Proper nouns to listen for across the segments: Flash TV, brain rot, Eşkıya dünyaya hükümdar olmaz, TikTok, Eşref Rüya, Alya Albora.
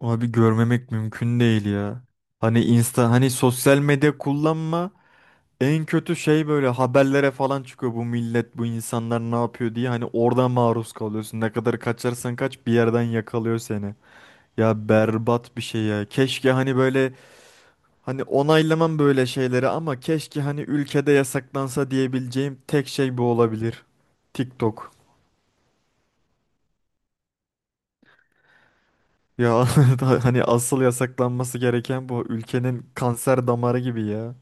Abi görmemek mümkün değil ya. Hani insta hani sosyal medya kullanma en kötü şey böyle haberlere falan çıkıyor bu millet bu insanlar ne yapıyor diye hani oradan maruz kalıyorsun. Ne kadar kaçarsan kaç bir yerden yakalıyor seni. Ya berbat bir şey ya. Keşke hani hani onaylamam böyle şeyleri ama keşke hani ülkede yasaklansa diyebileceğim tek şey bu olabilir. TikTok. Ya hani asıl yasaklanması gereken bu ülkenin kanser damarı gibi ya.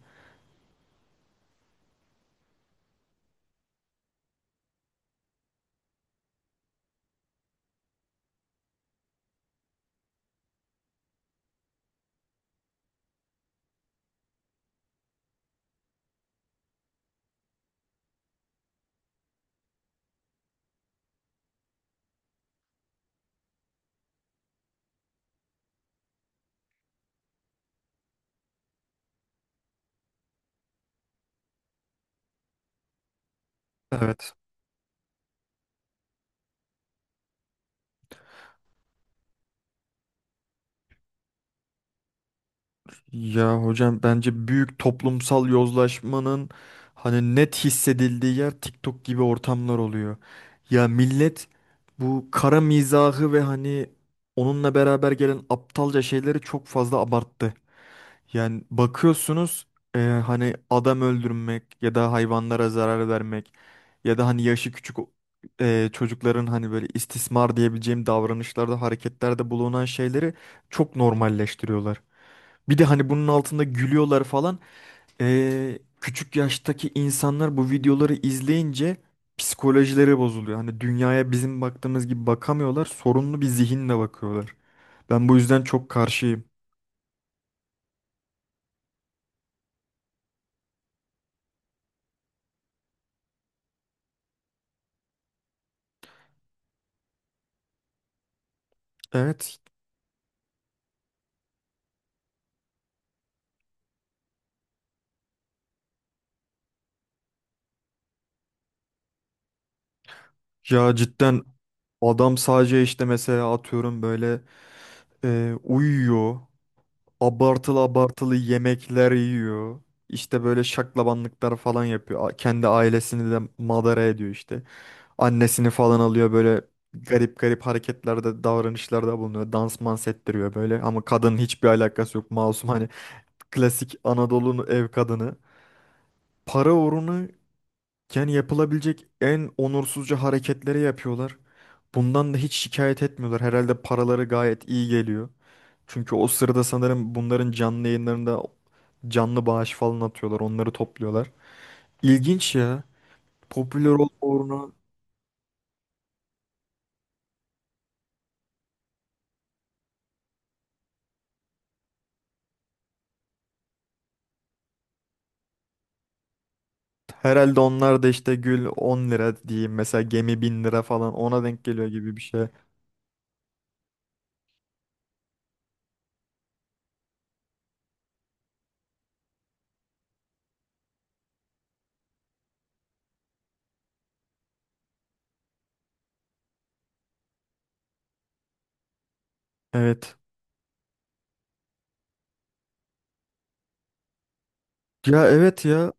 Evet. Ya hocam bence büyük toplumsal yozlaşmanın hani net hissedildiği yer TikTok gibi ortamlar oluyor. Ya millet bu kara mizahı ve hani onunla beraber gelen aptalca şeyleri çok fazla abarttı. Yani bakıyorsunuz, hani adam öldürmek ya da hayvanlara zarar vermek ya da hani yaşı küçük çocukların hani böyle istismar diyebileceğim davranışlarda hareketlerde bulunan şeyleri çok normalleştiriyorlar. Bir de hani bunun altında gülüyorlar falan. Küçük yaştaki insanlar bu videoları izleyince psikolojileri bozuluyor. Hani dünyaya bizim baktığımız gibi bakamıyorlar. Sorunlu bir zihinle bakıyorlar. Ben bu yüzden çok karşıyım. Evet. Ya cidden adam sadece işte mesela atıyorum böyle uyuyor. Abartılı abartılı yemekler yiyor. İşte böyle şaklabanlıklar falan yapıyor. Kendi ailesini de madara ediyor işte. Annesini falan alıyor böyle garip garip hareketlerde, davranışlarda bulunuyor. Dans mans ettiriyor böyle ama kadının hiçbir alakası yok, masum, hani klasik Anadolu'nun ev kadını. Para uğruna yani yapılabilecek en onursuzca hareketleri yapıyorlar. Bundan da hiç şikayet etmiyorlar. Herhalde paraları gayet iyi geliyor. Çünkü o sırada sanırım bunların canlı yayınlarında canlı bağış falan atıyorlar. Onları topluyorlar. İlginç ya. Popüler olma uğruna. Herhalde onlar da işte gül 10 lira diyeyim mesela, gemi 1.000 lira falan ona denk geliyor gibi bir şey. Evet. Ya evet ya.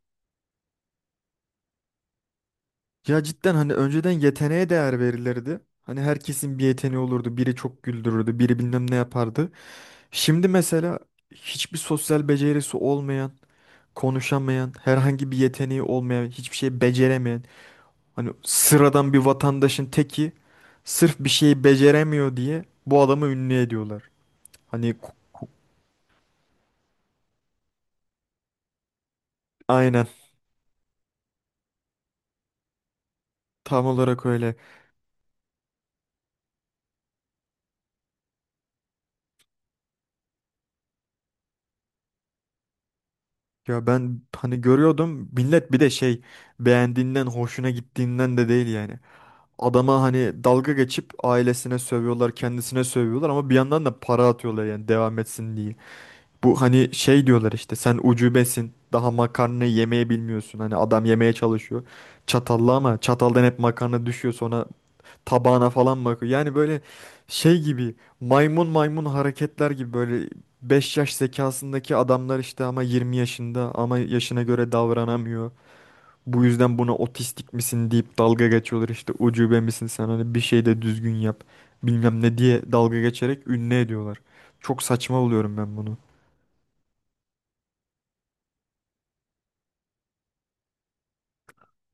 Ya cidden hani önceden yeteneğe değer verilirdi. Hani herkesin bir yeteneği olurdu. Biri çok güldürürdü, biri bilmem ne yapardı. Şimdi mesela hiçbir sosyal becerisi olmayan, konuşamayan, herhangi bir yeteneği olmayan, hiçbir şey beceremeyen, hani sıradan bir vatandaşın teki sırf bir şeyi beceremiyor diye bu adamı ünlü ediyorlar. Hani aynen, tam olarak öyle. Ya ben hani görüyordum millet bir de şey beğendiğinden hoşuna gittiğinden de değil yani. Adama hani dalga geçip ailesine sövüyorlar, kendisine sövüyorlar ama bir yandan da para atıyorlar yani devam etsin diye. Bu hani şey diyorlar işte, sen ucubesin, daha makarnayı yemeye bilmiyorsun. Hani adam yemeye çalışıyor çatalla ama çataldan hep makarna düşüyor, sonra tabağına falan bakıyor. Yani böyle şey gibi, maymun maymun hareketler gibi, böyle 5 yaş zekasındaki adamlar işte ama 20 yaşında, ama yaşına göre davranamıyor. Bu yüzden buna otistik misin deyip dalga geçiyorlar, işte ucube misin sen, hani bir şey de düzgün yap bilmem ne diye dalga geçerek ünlü ediyorlar. Çok saçma buluyorum ben bunu.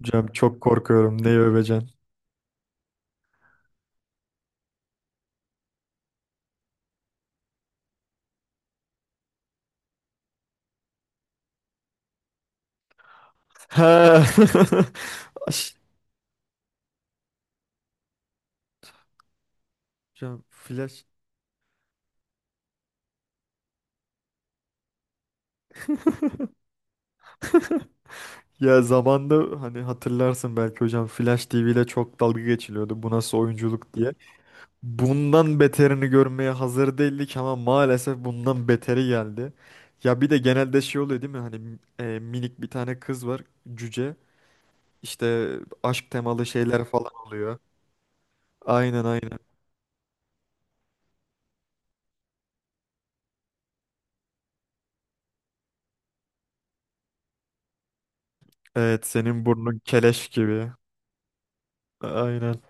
Hocam çok korkuyorum, neyi öveceksin? Ha. Aş- Hocam, ya zamanda hani hatırlarsın belki hocam, Flash TV ile çok dalga geçiliyordu bu nasıl oyunculuk diye. Bundan beterini görmeye hazır değildik ama maalesef bundan beteri geldi. Ya bir de genelde şey oluyor değil mi? Hani minik bir tane kız var, cüce. İşte aşk temalı şeyler falan oluyor. Aynen, aynen. Evet, senin burnun keleş gibi. Aynen.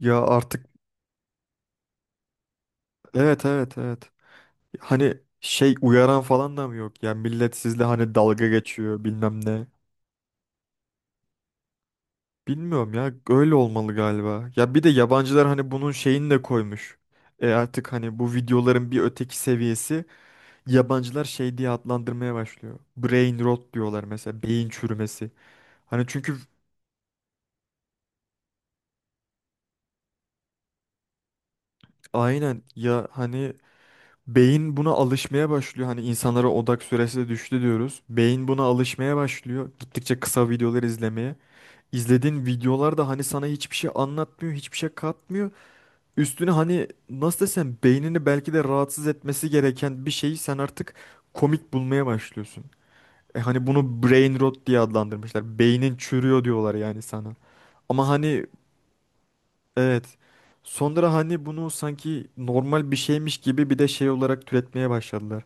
Ya artık, evet, evet, evet. Hani şey uyaran falan da mı yok? Ya millet sizle hani dalga geçiyor bilmem ne. Bilmiyorum ya, öyle olmalı galiba. Ya bir de yabancılar hani bunun şeyini de koymuş. E artık hani bu videoların bir öteki seviyesi, yabancılar şey diye adlandırmaya başlıyor. Brain rot diyorlar mesela, beyin çürümesi. Hani çünkü aynen ya hani beyin buna alışmaya başlıyor. Hani insanlara odak süresi de düştü diyoruz. Beyin buna alışmaya başlıyor. Gittikçe kısa videolar izlemeye. İzlediğin videolar da hani sana hiçbir şey anlatmıyor, hiçbir şey katmıyor. Üstüne hani nasıl desem, beynini belki de rahatsız etmesi gereken bir şeyi sen artık komik bulmaya başlıyorsun. E hani bunu brain rot diye adlandırmışlar. Beynin çürüyor diyorlar yani sana. Ama hani evet, sonra hani bunu sanki normal bir şeymiş gibi bir de şey olarak türetmeye başladılar.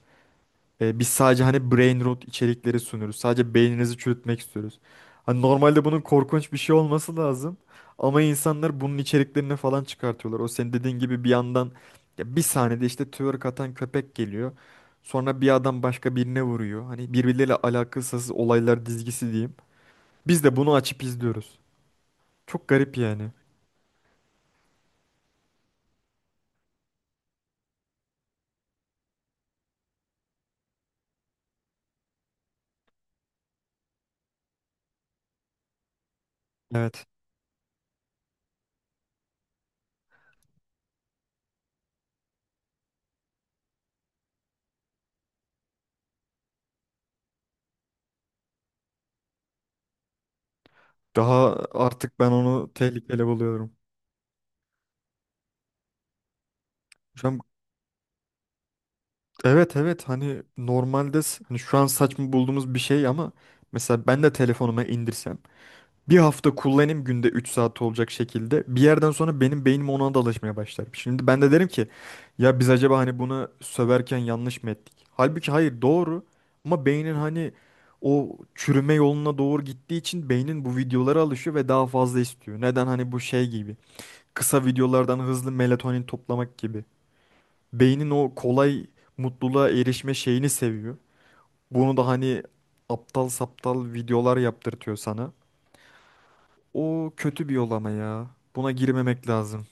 E, biz sadece hani brain rot içerikleri sunuyoruz. Sadece beyninizi çürütmek istiyoruz. Hani normalde bunun korkunç bir şey olması lazım. Ama insanlar bunun içeriklerini falan çıkartıyorlar. O senin dediğin gibi bir yandan ya, bir saniyede işte twerk atan köpek geliyor. Sonra bir adam başka birine vuruyor. Hani birbirleriyle alakasız olaylar dizgisi diyeyim. Biz de bunu açıp izliyoruz. Çok garip yani. Evet. Daha artık ben onu tehlikeli buluyorum. Hocam Evet, evet, hani normalde hani şu an saçma bulduğumuz bir şey ama mesela ben de telefonuma indirsem, bir hafta kullanayım günde 3 saat olacak şekilde, bir yerden sonra benim beynim ona da alışmaya başlar. Şimdi ben de derim ki ya biz acaba hani buna söverken yanlış mı ettik? Halbuki hayır, doğru, ama beynin hani o çürüme yoluna doğru gittiği için beynin bu videolara alışıyor ve daha fazla istiyor. Neden hani bu şey gibi, kısa videolardan hızlı melatonin toplamak gibi. Beynin o kolay mutluluğa erişme şeyini seviyor. Bunu da hani aptal saptal videolar yaptırtıyor sana. O kötü bir yol ama ya. Buna girmemek lazım.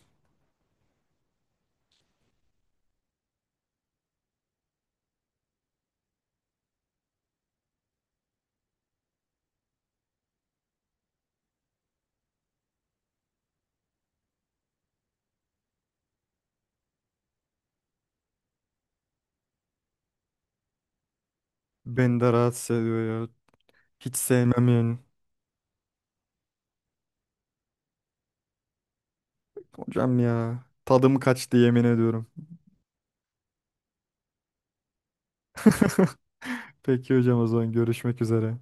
Beni de rahatsız ediyor ya. Hiç sevmem yani. Hocam ya, tadım kaçtı yemin ediyorum. Peki hocam o zaman, görüşmek üzere.